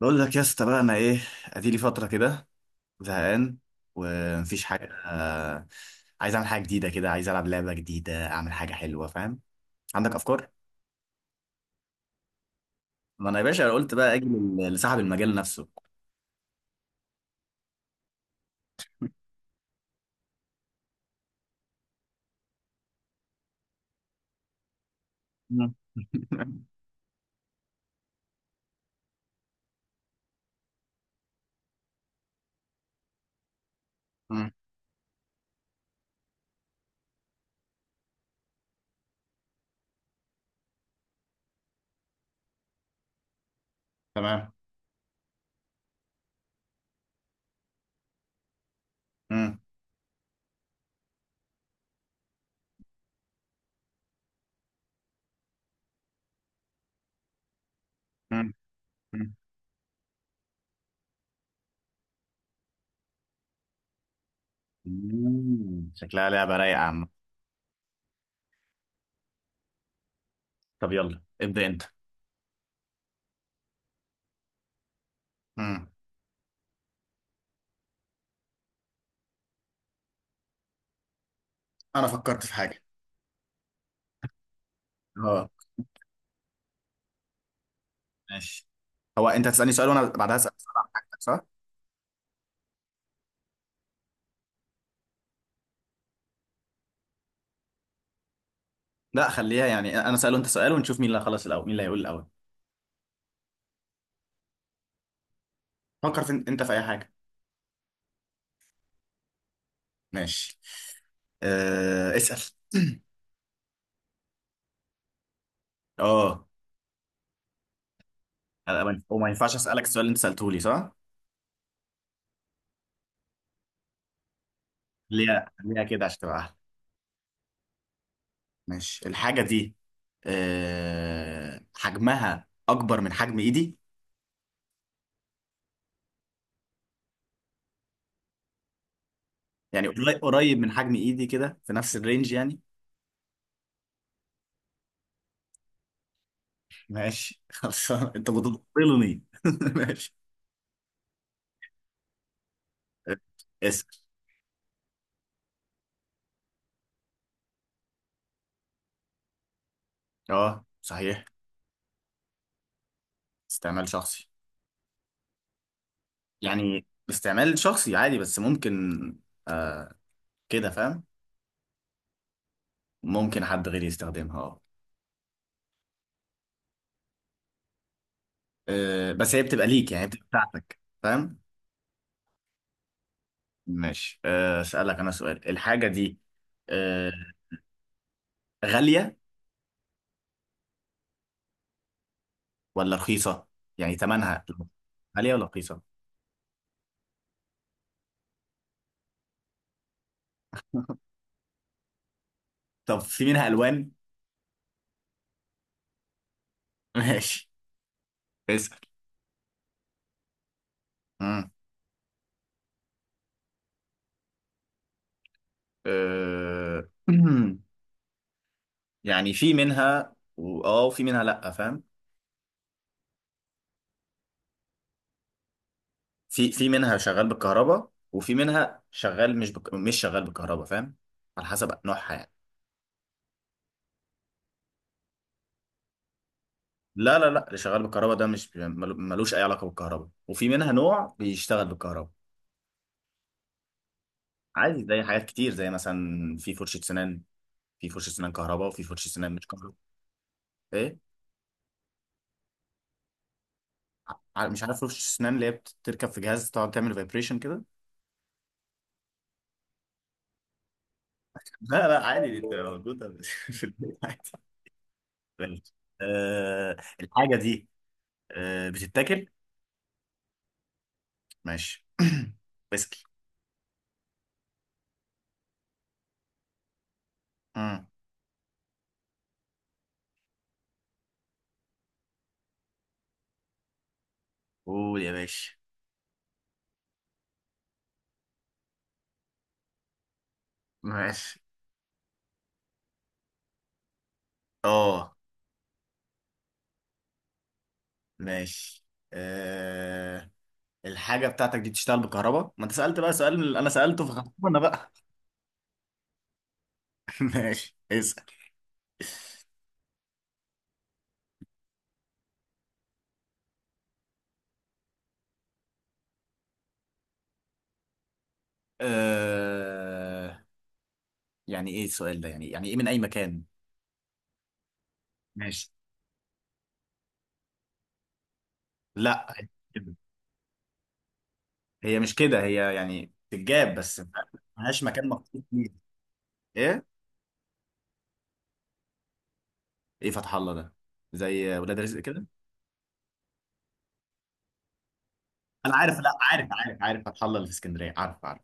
بقول لك يا اسطى بقى انا ايه. ادي لي فتره كده، زهقان ومفيش حاجه. عايز اعمل حاجه جديده كده، عايز العب لعبه جديده، اعمل حاجه حلوه، فاهم؟ عندك افكار؟ ما انا يا باشا قلت بقى اجي لصاحب المجال نفسه. مم. مم. تمام. مم. مم. مم. مم. شكلها لعبه رايقه يا عم. طب يلا ابدا انت. مم. انا فكرت في حاجه. اه. ماشي. هو انت هتسالني سؤال وانا بعدها اسال سؤال عن حاجتك صح؟ لا خليها، يعني انا اساله انت سؤال ونشوف مين اللي هيخلص الاول، مين اللي هيقول الاول. فكر في انت في اي حاجه. ماشي. أه، اسال. اه. وما ينفعش اسالك السؤال اللي انت سالته لي، صح؟ ليها ليها كده عشان تبقى احلى. ماشي. الحاجه دي أه حجمها اكبر من حجم ايدي. يعني قريب من حجم ايدي كده، في نفس الرينج يعني. ماشي خلاص انت بتبطلني ماشي. اسال. اه صحيح. استعمال شخصي يعني. استعمال شخصي عادي بس ممكن، آه، كده فاهم. ممكن حد غيري يستخدمها، اه. بس هي بتبقى ليك، يعني هي بتبقى بتاعتك، فاهم؟ ماشي. اسالك انا سؤال. الحاجه دي آه، غاليه ولا رخيصه؟ يعني ثمنها غاليه ولا رخيصه؟ طب في منها الوان؟ ماشي. اسال. مم. آه، يعني في منها اه وفي منها لا، فاهم؟ في منها شغال بالكهرباء وفي منها شغال مش شغال بالكهرباء، فاهم؟ على حسب نوعها يعني. لا لا لا، اللي شغال بالكهرباء ده مش ملوش اي علاقه بالكهرباء، وفي منها نوع بيشتغل بالكهرباء. عادي زي حاجات كتير، زي مثلا في فرشه سنان. في فرشه سنان كهرباء وفي فرشه سنان مش كهرباء. ايه. مش عارف فرشه سنان اللي هي بتركب في جهاز تقعد تعمل فايبريشن كده. لا لا عادي، دي بتبقى موجوده في البيت عادي. بلاش. أه الحاجه دي أه بتتاكل؟ ماشي بسكي. مم. قول يا باشا. ماشي. اه ماشي. أه الحاجة بتاعتك دي تشتغل بكهرباء؟ ما انت سألت بقى سؤال من اللي انا سألته، فخلاص انا بقى. ماشي. اسأل. آه... يعني ايه السؤال ده؟ يعني يعني ايه من اي مكان؟ ماشي. لا كده. هي مش كده، هي يعني تتجاب بس، ملهاش مكان مخصوص ليها. ايه؟ ايه فتح الله ده؟ زي ولاد رزق كده؟ انا عارف، لا عارف عارف عارف، فتح الله اللي في اسكندرية، عارف عارف.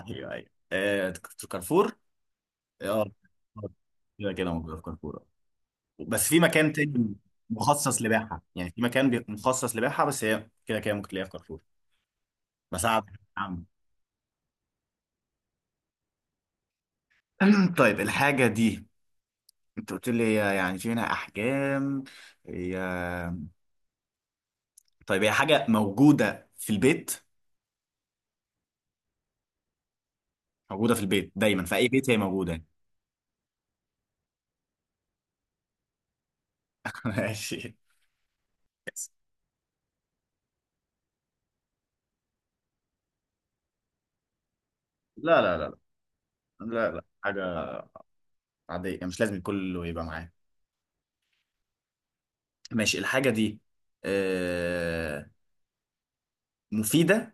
ايوه ايوه آه... كارفور. اه كده كده موجودة في كارفور، بس في مكان تاني مخصص لبيعها، يعني في مكان مخصص لبيعها، بس هي كده كده ممكن تلاقيها في كارفور بساعد عم. طيب الحاجة دي، انت قلت لي هي يعني في منها احجام، هي، طيب هي حاجة موجودة في البيت؟ موجودة في البيت دايما في اي بيت هي موجودة. ماشي. لا لا لا لا لا حاجة عادية يعني، مش لازم كله يبقى معاه. ماشي. الحاجة دي آه، مفيدة؟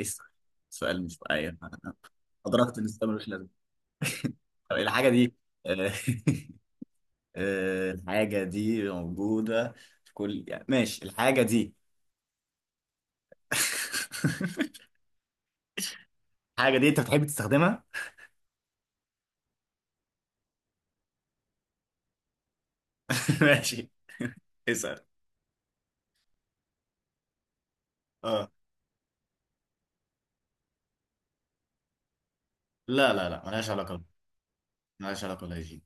إيه السؤال؟ السؤال مش أيوة. أدركت إن السؤال مش لازم. الحاجة دي آه، الحاجة دي موجودة في كل، يعني ماشي. الحاجة دي الحاجة دي أنت بتحب تستخدمها؟ ماشي. اسأل. اه. لا لا لا، ملهاش علاقة. ملهاش علاقة بالهيجين.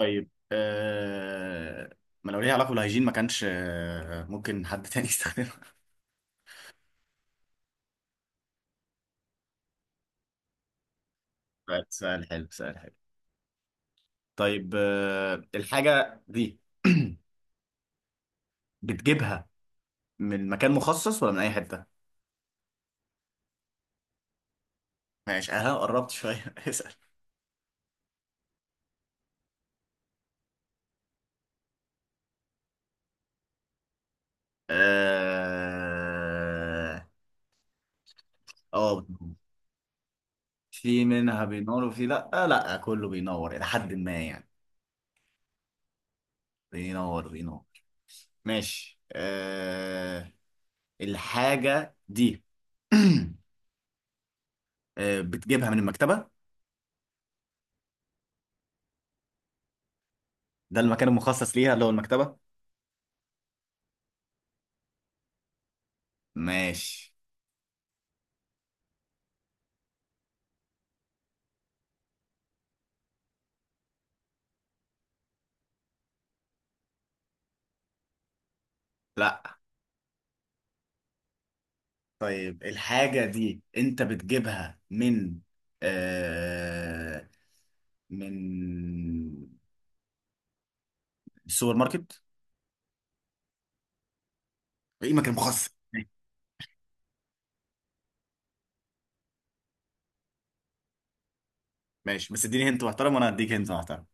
طيب آه... ما لو ليها علاقة بالهيجين ما كانش ممكن حد تاني يستخدمها. سؤال سؤال حلو سؤال حلو. طيب آه... الحاجة دي بتجيبها من مكان مخصص ولا من أي حتة؟ ماشي. أنا قربت شوية. اه. آه، في منها بينور وفي لا، لا كله بينور الى حد ما يعني. بينور بينور. ماشي آه. الحاجة دي بتجيبها من المكتبة. ده المكان المخصص ليها اللي هو المكتبة. ماشي لا. طيب الحاجة دي انت بتجيبها من آه من السوبر ماركت؟ اي مكان مخصص. ماشي، بس اديني هنت محترم وانا هديك هنت محترم.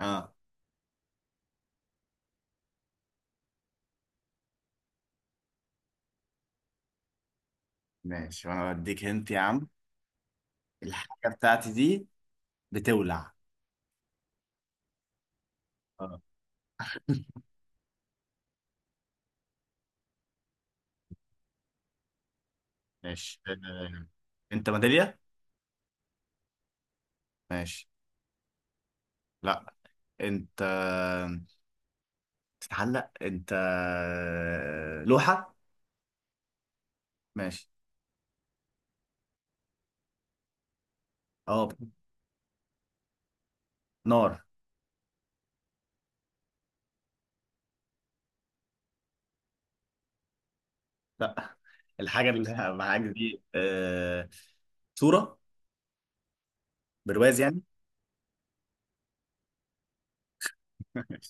اه ماشي، وانا بديك هنت يا عم. الحاجة بتاعتي دي بتولع. اه ماشي. انت ميدالية؟ ماشي لا. انت تتعلق، انت لوحة؟ ماشي. اه نار. لا. الحاجة اللي معاك دي صورة، برواز يعني.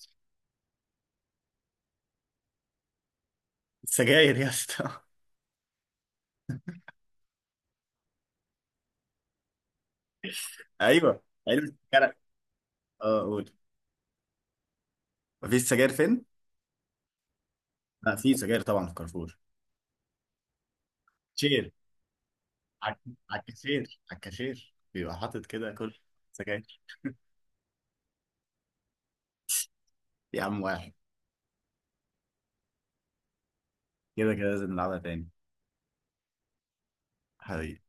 سجاير يا اسطى ايوه علبة السجاير. اه قول. مفيش سجاير فين؟ لا في سجاير طبعا في كارفور. شير عك- عكاشير، عكاشير بيبقى حاطط كده كل سجاير يا عم واحد. كده كده لازم نلعبها تاني. حبيبي.